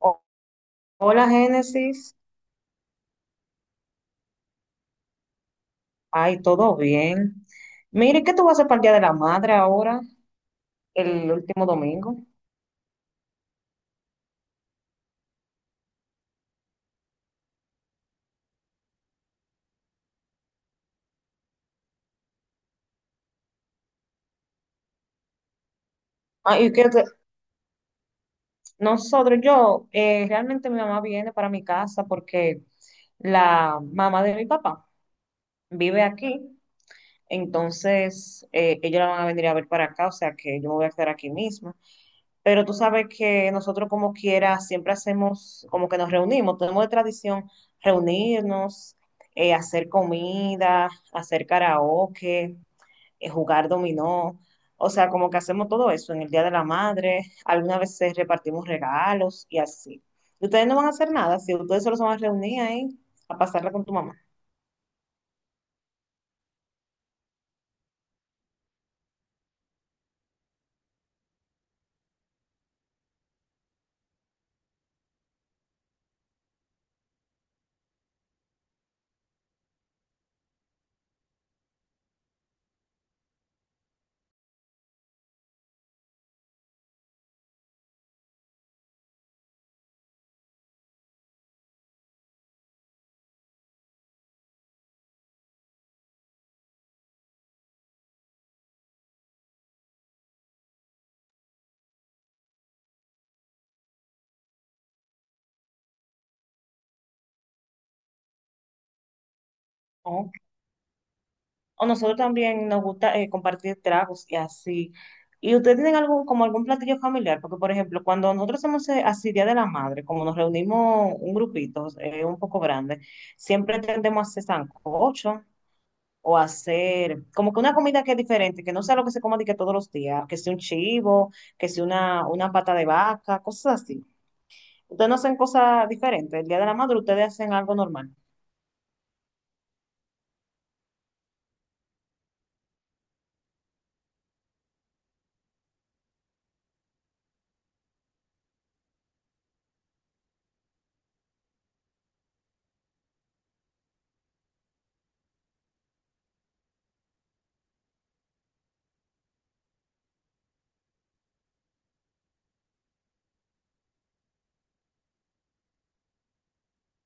O- Hola, Génesis. Ay, todo bien. Mire, ¿qué tú vas a hacer para el Día de la Madre ahora, el último domingo? Ay, que nosotros, yo, realmente mi mamá viene para mi casa porque la mamá de mi papá vive aquí, entonces ellos la van a venir a ver para acá, o sea que yo me voy a quedar aquí mismo. Pero tú sabes que nosotros como quiera siempre hacemos, como que nos reunimos, tenemos de tradición reunirnos, hacer comida, hacer karaoke, jugar dominó. O sea, como que hacemos todo eso en el Día de la Madre, algunas veces repartimos regalos y así. Y ustedes no van a hacer nada, si ustedes solo se van a reunir ahí a pasarla con tu mamá. Ok. O nosotros también nos gusta compartir tragos y así. ¿Y ustedes tienen algún, como algún platillo familiar? Porque, por ejemplo, cuando nosotros hacemos así Día de la Madre, como nos reunimos un grupito un poco grande, siempre tendemos a hacer sancocho o a hacer como que una comida que es diferente, que no sea lo que se come de que todos los días, que sea un chivo, que sea una pata de vaca, cosas así. Ustedes no hacen cosas diferentes. El Día de la Madre ustedes hacen algo normal.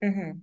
Ujú.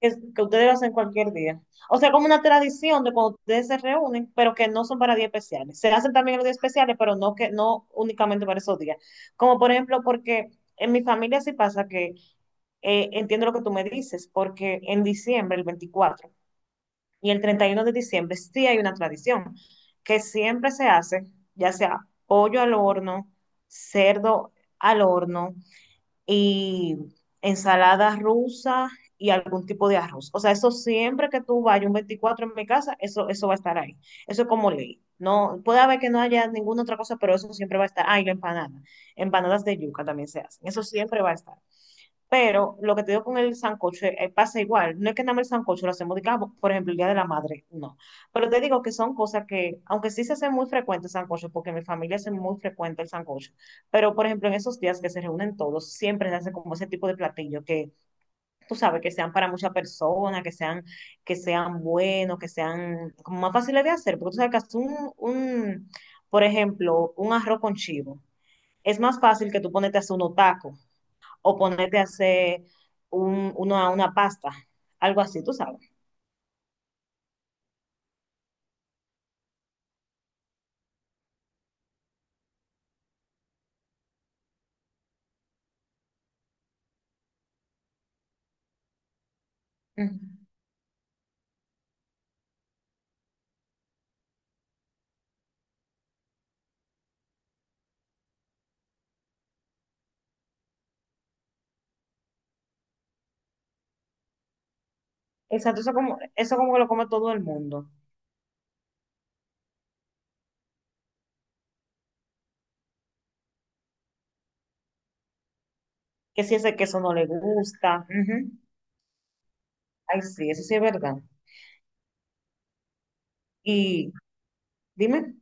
Que ustedes lo hacen cualquier día. O sea, como una tradición de cuando ustedes se reúnen, pero que no son para días especiales. Se hacen también los días especiales, pero no que no únicamente para esos días. Como por ejemplo, porque en mi familia sí pasa que entiendo lo que tú me dices, porque en diciembre, el 24 y el 31 de diciembre, sí hay una tradición que siempre se hace, ya sea pollo al horno, cerdo al horno, y ensalada rusa y algún tipo de arroz. O sea, eso siempre que tú vayas un 24 en mi casa, eso va a estar ahí. Eso es como ley. No, puede haber que no haya ninguna otra cosa, pero eso siempre va a estar. Ah, y la empanada. Empanadas de yuca también se hacen. Eso siempre va a estar. Pero lo que te digo con el sancocho pasa igual. No es que nada más el sancocho lo hacemos, digamos, por ejemplo, el Día de la Madre, no. Pero te digo que son cosas que, aunque sí se hace muy frecuente el sancocho, porque en mi familia hace muy frecuente el sancocho, pero por ejemplo, en esos días que se reúnen todos, siempre se hace como ese tipo de platillo que tú sabes que sean para muchas personas, que sean buenos, que sean como más fáciles de hacer, porque tú sabes que hacer por ejemplo, un arroz con chivo. Es más fácil que tú ponerte a hacer unos tacos o ponerte a hacer una pasta, algo así, tú sabes. Ujú. Exacto, eso como que lo come todo el mundo. Que si ese queso no le gusta. Ujú. Ay, sí, eso sí es verdad. Y dime,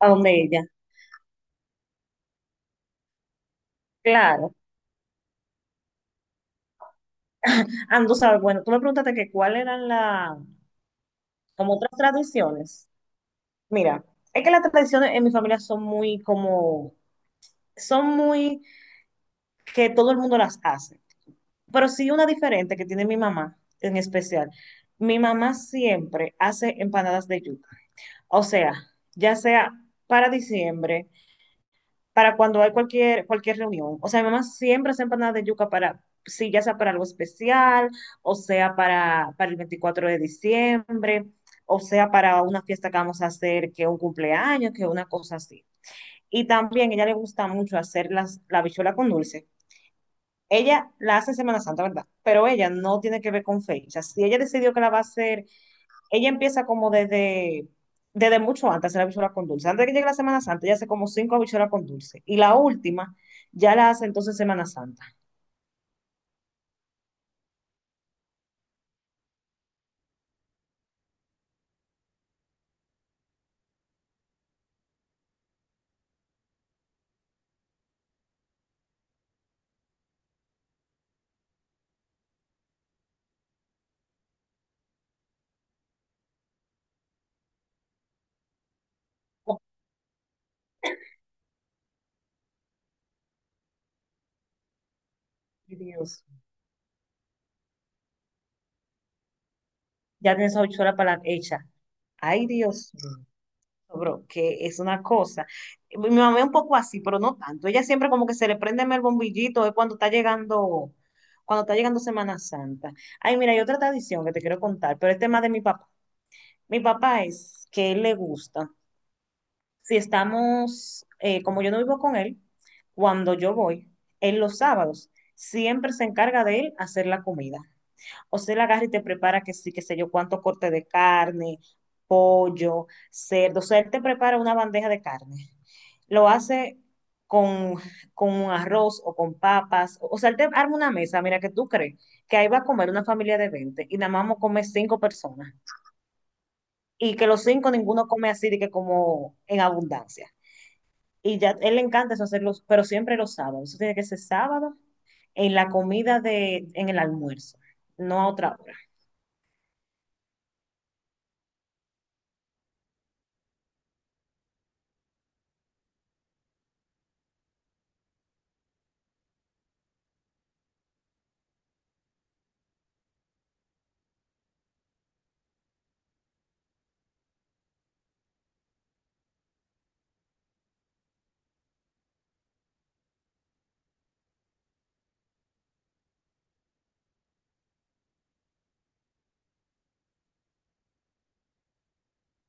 ¿a dónde ella? Claro. Ah, no, tú sabes, bueno, tú me preguntaste que cuáles eran las, como otras tradiciones. Mira, es que las tradiciones en mi familia son muy como, son muy que todo el mundo las hace. Pero sí una diferente que tiene mi mamá en especial. Mi mamá siempre hace empanadas de yuca. O sea, ya sea para diciembre, para cuando hay cualquier reunión. O sea, mi mamá siempre hace empanadas de yuca para, sí, ya sea para algo especial, o sea, para el 24 de diciembre, o sea, para una fiesta que vamos a hacer, que un cumpleaños, que una cosa así. Y también a ella le gusta mucho hacer las, la habichuela con dulce. Ella la hace en Semana Santa, ¿verdad? Pero ella no tiene que ver con fechas. Si ella decidió que la va a hacer, ella empieza como desde, desde mucho antes, de hacer la habichuela con dulce. Antes de que llegue la Semana Santa, ella hace como cinco habichuelas con dulce. Y la última ya la hace entonces Semana Santa. Oh, Dios, ya tiene esa habichuela para la hecha. Ay, Dios bro, que es una cosa. Mi mamá es un poco así, pero no tanto. Ella siempre como que se le prende el bombillito, es cuando está llegando Semana Santa. Ay, mira, hay otra tradición que te quiero contar, pero es tema de mi papá. Mi papá es que él le gusta. Si estamos, como yo no vivo con él, cuando yo voy, en los sábados, siempre se encarga de él hacer la comida. O sea, él agarra y te prepara que sí, qué sé yo, cuánto corte de carne, pollo, cerdo. O sea, él te prepara una bandeja de carne. Lo hace con, con un arroz o con papas. O sea, él te arma una mesa, mira, que tú crees que ahí va a comer una familia de 20 y nada más vamos a comer cinco personas. Y que los cinco ninguno come así de que como en abundancia. Y ya él le encanta eso hacerlo, pero siempre los sábados. Eso tiene que ser sábado en la comida de, en el almuerzo, no a otra hora.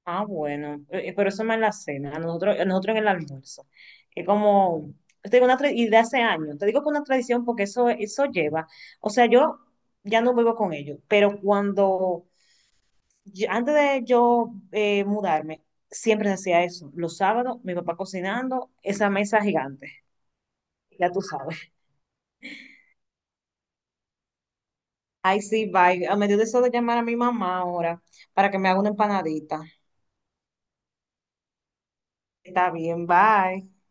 Ah, bueno, pero eso no es más en la cena, a nosotros en el almuerzo, que como, te digo y de hace años, te digo que una tradición porque eso lleva, o sea, yo ya no vivo con ellos, pero cuando, antes de yo mudarme, siempre se hacía eso, los sábados, mi papá cocinando, esa mesa gigante, ya tú sabes. Ay, sí, bye, a medio de eso de llamar a mi mamá ahora, para que me haga una empanadita. Está bien, bye.